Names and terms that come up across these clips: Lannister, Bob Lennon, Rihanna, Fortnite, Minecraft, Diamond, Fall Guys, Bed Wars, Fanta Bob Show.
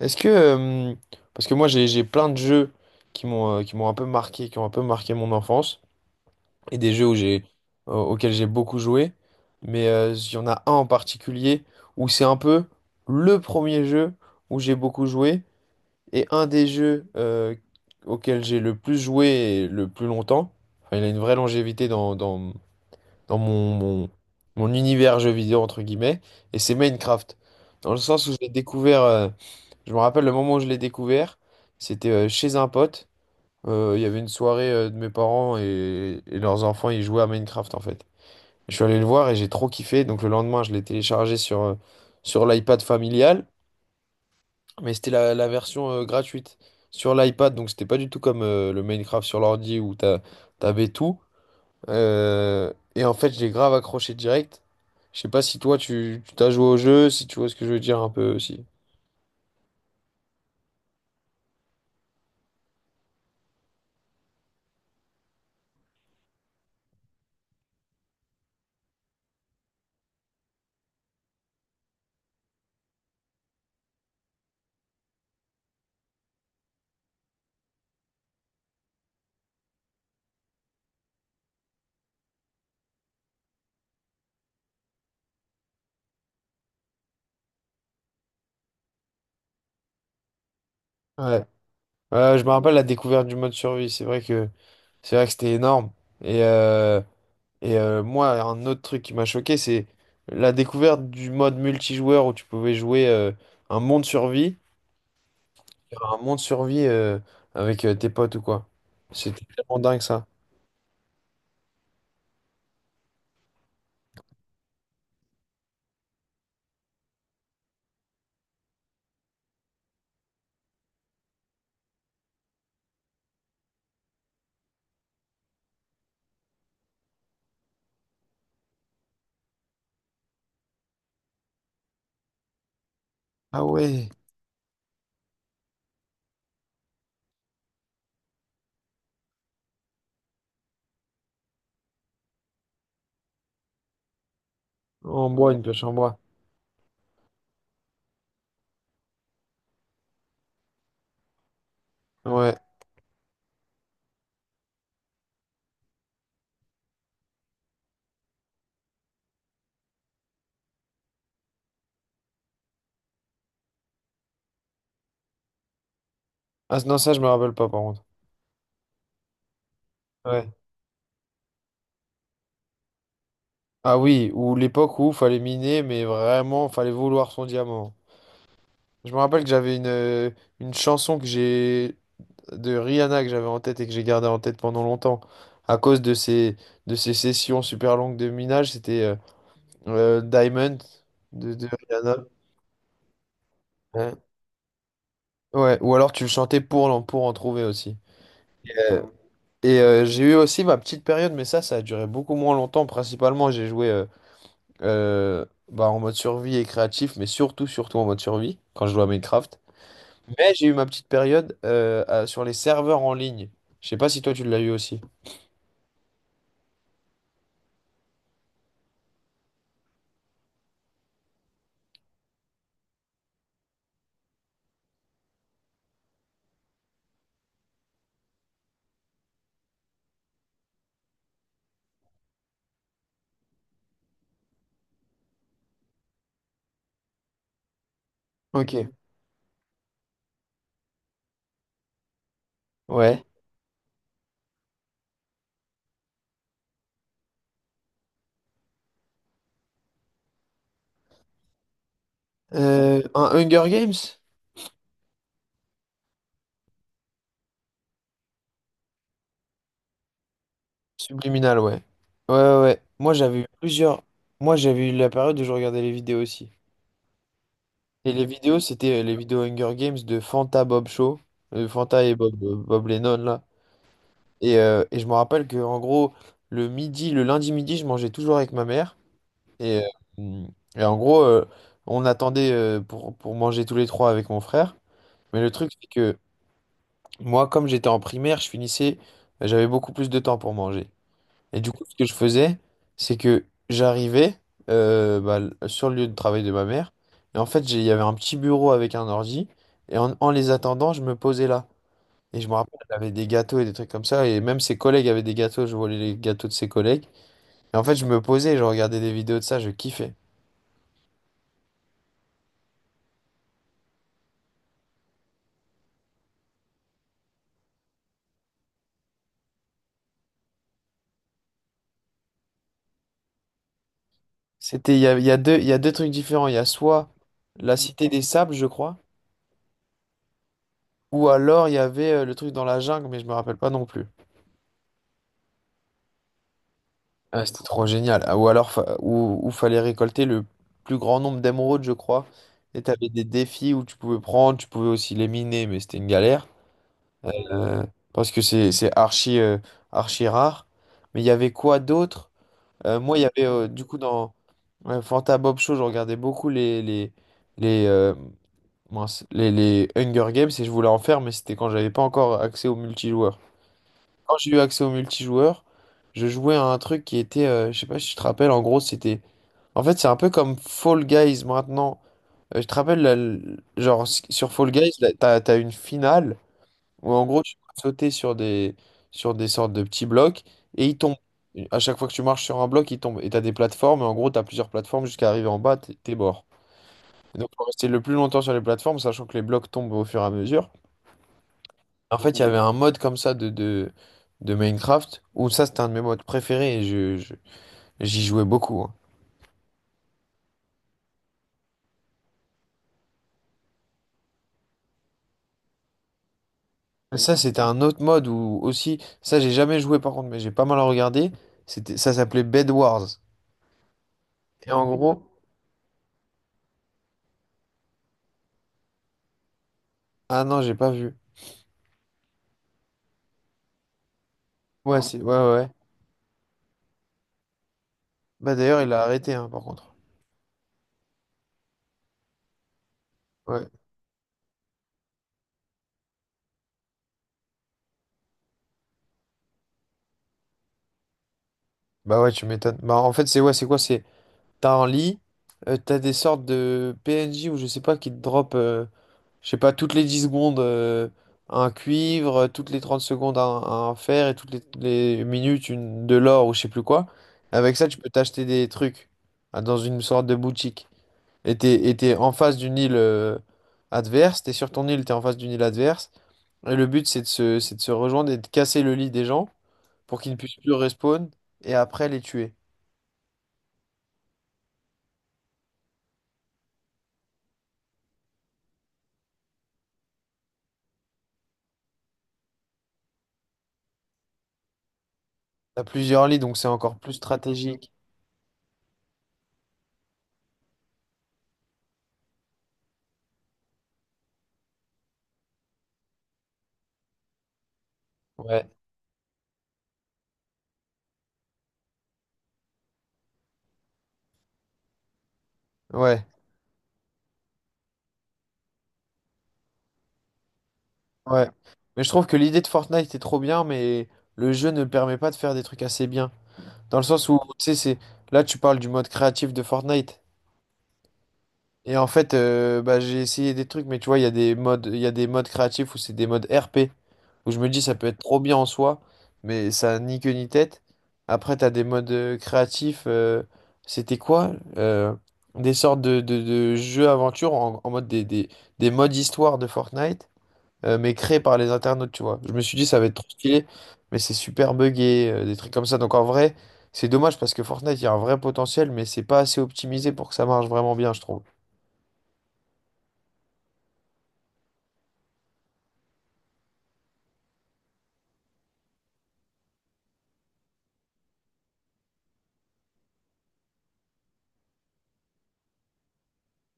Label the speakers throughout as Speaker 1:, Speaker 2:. Speaker 1: Est-ce que parce que moi j'ai plein de jeux qui m'ont qui m'ont un peu marqué, qui ont un peu marqué mon enfance et des jeux où j'ai auxquels j'ai beaucoup joué, mais il y en a un en particulier où c'est un peu le premier jeu où j'ai beaucoup joué et un des jeux auxquels j'ai le plus joué et le plus longtemps. Enfin, il a une vraie longévité dans mon univers jeu vidéo entre guillemets, et c'est Minecraft. Dans le sens où j'ai découvert, je me rappelle le moment où je l'ai découvert, c'était chez un pote. Il y avait une soirée de mes parents, et leurs enfants, ils jouaient à Minecraft en fait. Je suis allé le voir et j'ai trop kiffé. Donc le lendemain, je l'ai téléchargé sur l'iPad familial, mais c'était la version gratuite sur l'iPad. Donc c'était pas du tout comme le Minecraft sur l'ordi où t'avais tout. Et en fait, j'ai grave accroché direct. Je sais pas si toi, tu t'as joué au jeu, si tu vois ce que je veux dire un peu aussi. Ouais. Ouais, je me rappelle la découverte du mode survie. C'est vrai que. C'est vrai que c'était énorme. Et, euh, et moi, un autre truc qui m'a choqué, c'est la découverte du mode multijoueur où tu pouvais jouer un monde survie, un monde survie avec tes potes ou quoi. C'était tellement dingue, ça. Ah ouais, en bois, une pioche en bois. Ouais. Ah non, ça, je me rappelle pas par contre. Ouais. Ah oui, ou l'époque où fallait miner, mais vraiment, fallait vouloir son diamant. Je me rappelle que j'avais une chanson que j'ai de Rihanna que j'avais en tête et que j'ai gardé en tête pendant longtemps à cause de de ces sessions super longues de minage, c'était Diamond de Rihanna. Ouais. Ouais, ou alors tu le chantais pour en trouver aussi. Euh, et j'ai eu aussi ma petite période, mais ça a duré beaucoup moins longtemps. Principalement, j'ai joué euh, en mode survie et créatif, mais surtout, surtout en mode survie quand je jouais à Minecraft. Mais j'ai eu ma petite période sur les serveurs en ligne. Je sais pas si toi tu l'as eu aussi. Ok. Ouais. Un Hunger Games? Subliminal, ouais. Ouais, ouais, ouais. Moi, j'avais eu plusieurs. Moi, j'avais eu la période où je regardais les vidéos aussi. Et les vidéos, c'était les vidéos Hunger Games de Fanta Bob Show. Fanta et Bob, Bob Lennon, là. Et je me rappelle que, en gros, le midi, le lundi midi, je mangeais toujours avec ma mère. Et, euh, et en gros, on attendait pour manger tous les trois avec mon frère. Mais le truc, c'est que moi, comme j'étais en primaire, je finissais. J'avais beaucoup plus de temps pour manger. Et du coup, ce que je faisais, c'est que j'arrivais sur le lieu de travail de ma mère. Et en fait, il y avait un petit bureau avec un ordi. Et en les attendant, je me posais là. Et je me rappelle, elle avait des gâteaux et des trucs comme ça. Et même ses collègues avaient des gâteaux. Je volais les gâteaux de ses collègues. Et en fait, je me posais et je regardais des vidéos de ça. Je kiffais. C'était, il y a deux trucs différents. Il y a soit la Cité des Sables, je crois. Ou alors, il y avait le truc dans la jungle, mais je me rappelle pas non plus. Ah, c'était trop génial. Ah, ou alors, ou fallait récolter le plus grand nombre d'émeraudes, je crois. Et t'avais des défis où tu pouvais prendre, tu pouvais aussi les miner, mais c'était une galère. Euh, parce que c'est archi rare. Mais il y avait quoi d'autre? Moi, il y avait du coup dans ouais, Fanta Bob Show, je regardais beaucoup les, euh, mince, les Hunger Games, et je voulais en faire, mais c'était quand j'avais pas encore accès au multijoueur. Quand j'ai eu accès au multijoueur, je jouais à un truc qui était, je sais pas si tu te rappelles, en gros, c'était. En fait, c'est un peu comme Fall Guys maintenant. Je te rappelle, genre, sur Fall Guys, là, t'as une finale où en gros, tu peux sauter sur des sortes de petits blocs, et ils tombent. Et à chaque fois que tu marches sur un bloc, ils tombent. Et t'as des plateformes, et en gros, t'as plusieurs plateformes jusqu'à arriver en bas, t'es mort. Et donc, faut rester le plus longtemps sur les plateformes, sachant que les blocs tombent au fur et à mesure. En fait, il y avait un mode comme ça de Minecraft où ça, c'était un de mes modes préférés, et j'y jouais beaucoup, hein. Ça, c'était un autre mode où aussi, ça, j'ai jamais joué par contre, mais j'ai pas mal regardé. C'était, ça s'appelait Bed Wars. Et en gros, ah non, j'ai pas vu. Ouais, c'est, ouais, ouais, ouais. Bah d'ailleurs, il a arrêté, hein, par contre. Ouais. Bah ouais, tu m'étonnes. Bah en fait, c'est ouais, c'est quoi? C'est, t'as un lit, t'as des sortes de PNJ ou je sais pas qui te drop. Je sais pas, toutes les 10 secondes, un cuivre, toutes les 30 secondes, un fer, et toutes les minutes, une, de l'or ou je sais plus quoi. Avec ça, tu peux t'acheter des trucs, ah, dans une sorte de boutique. Et t'es en face d'une île adverse, t'es sur ton île, t'es en face d'une île adverse. Et le but, c'est de se rejoindre et de casser le lit des gens pour qu'ils ne puissent plus respawn et après les tuer. T'as plusieurs lits, donc c'est encore plus stratégique. Ouais. Ouais. Ouais. Mais je trouve que l'idée de Fortnite est trop bien, mais le jeu ne permet pas de faire des trucs assez bien. Dans le sens où, tu sais, c'est... Là, tu parles du mode créatif de Fortnite. Et en fait, bah, j'ai essayé des trucs, mais tu vois, il y a des modes, il y a des modes créatifs où c'est des modes RP. Où je me dis, ça peut être trop bien en soi, mais ça a ni queue ni tête. Après, t'as des modes créatifs... c'était quoi? Des sortes de jeux aventure en, mode des modes histoire de Fortnite mais créé par les internautes, tu vois. Je me suis dit, ça va être trop stylé, mais c'est super buggé, des trucs comme ça. Donc en vrai, c'est dommage parce que Fortnite, il y a un vrai potentiel, mais c'est pas assez optimisé pour que ça marche vraiment bien, je trouve.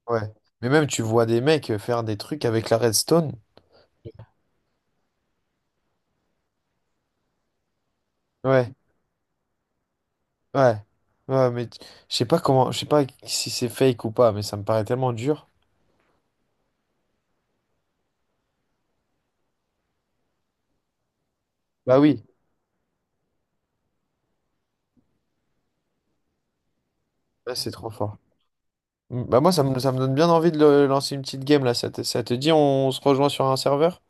Speaker 1: Ouais. Mais même, tu vois des mecs faire des trucs avec la redstone. Ouais, ouais, ouais, mais je sais pas comment, je sais pas si c'est fake ou pas, mais ça me paraît tellement dur. Bah oui, ouais, c'est trop fort. Bah moi, ça me, donne bien envie lancer une petite game là. Ça te dit, on se rejoint sur un serveur?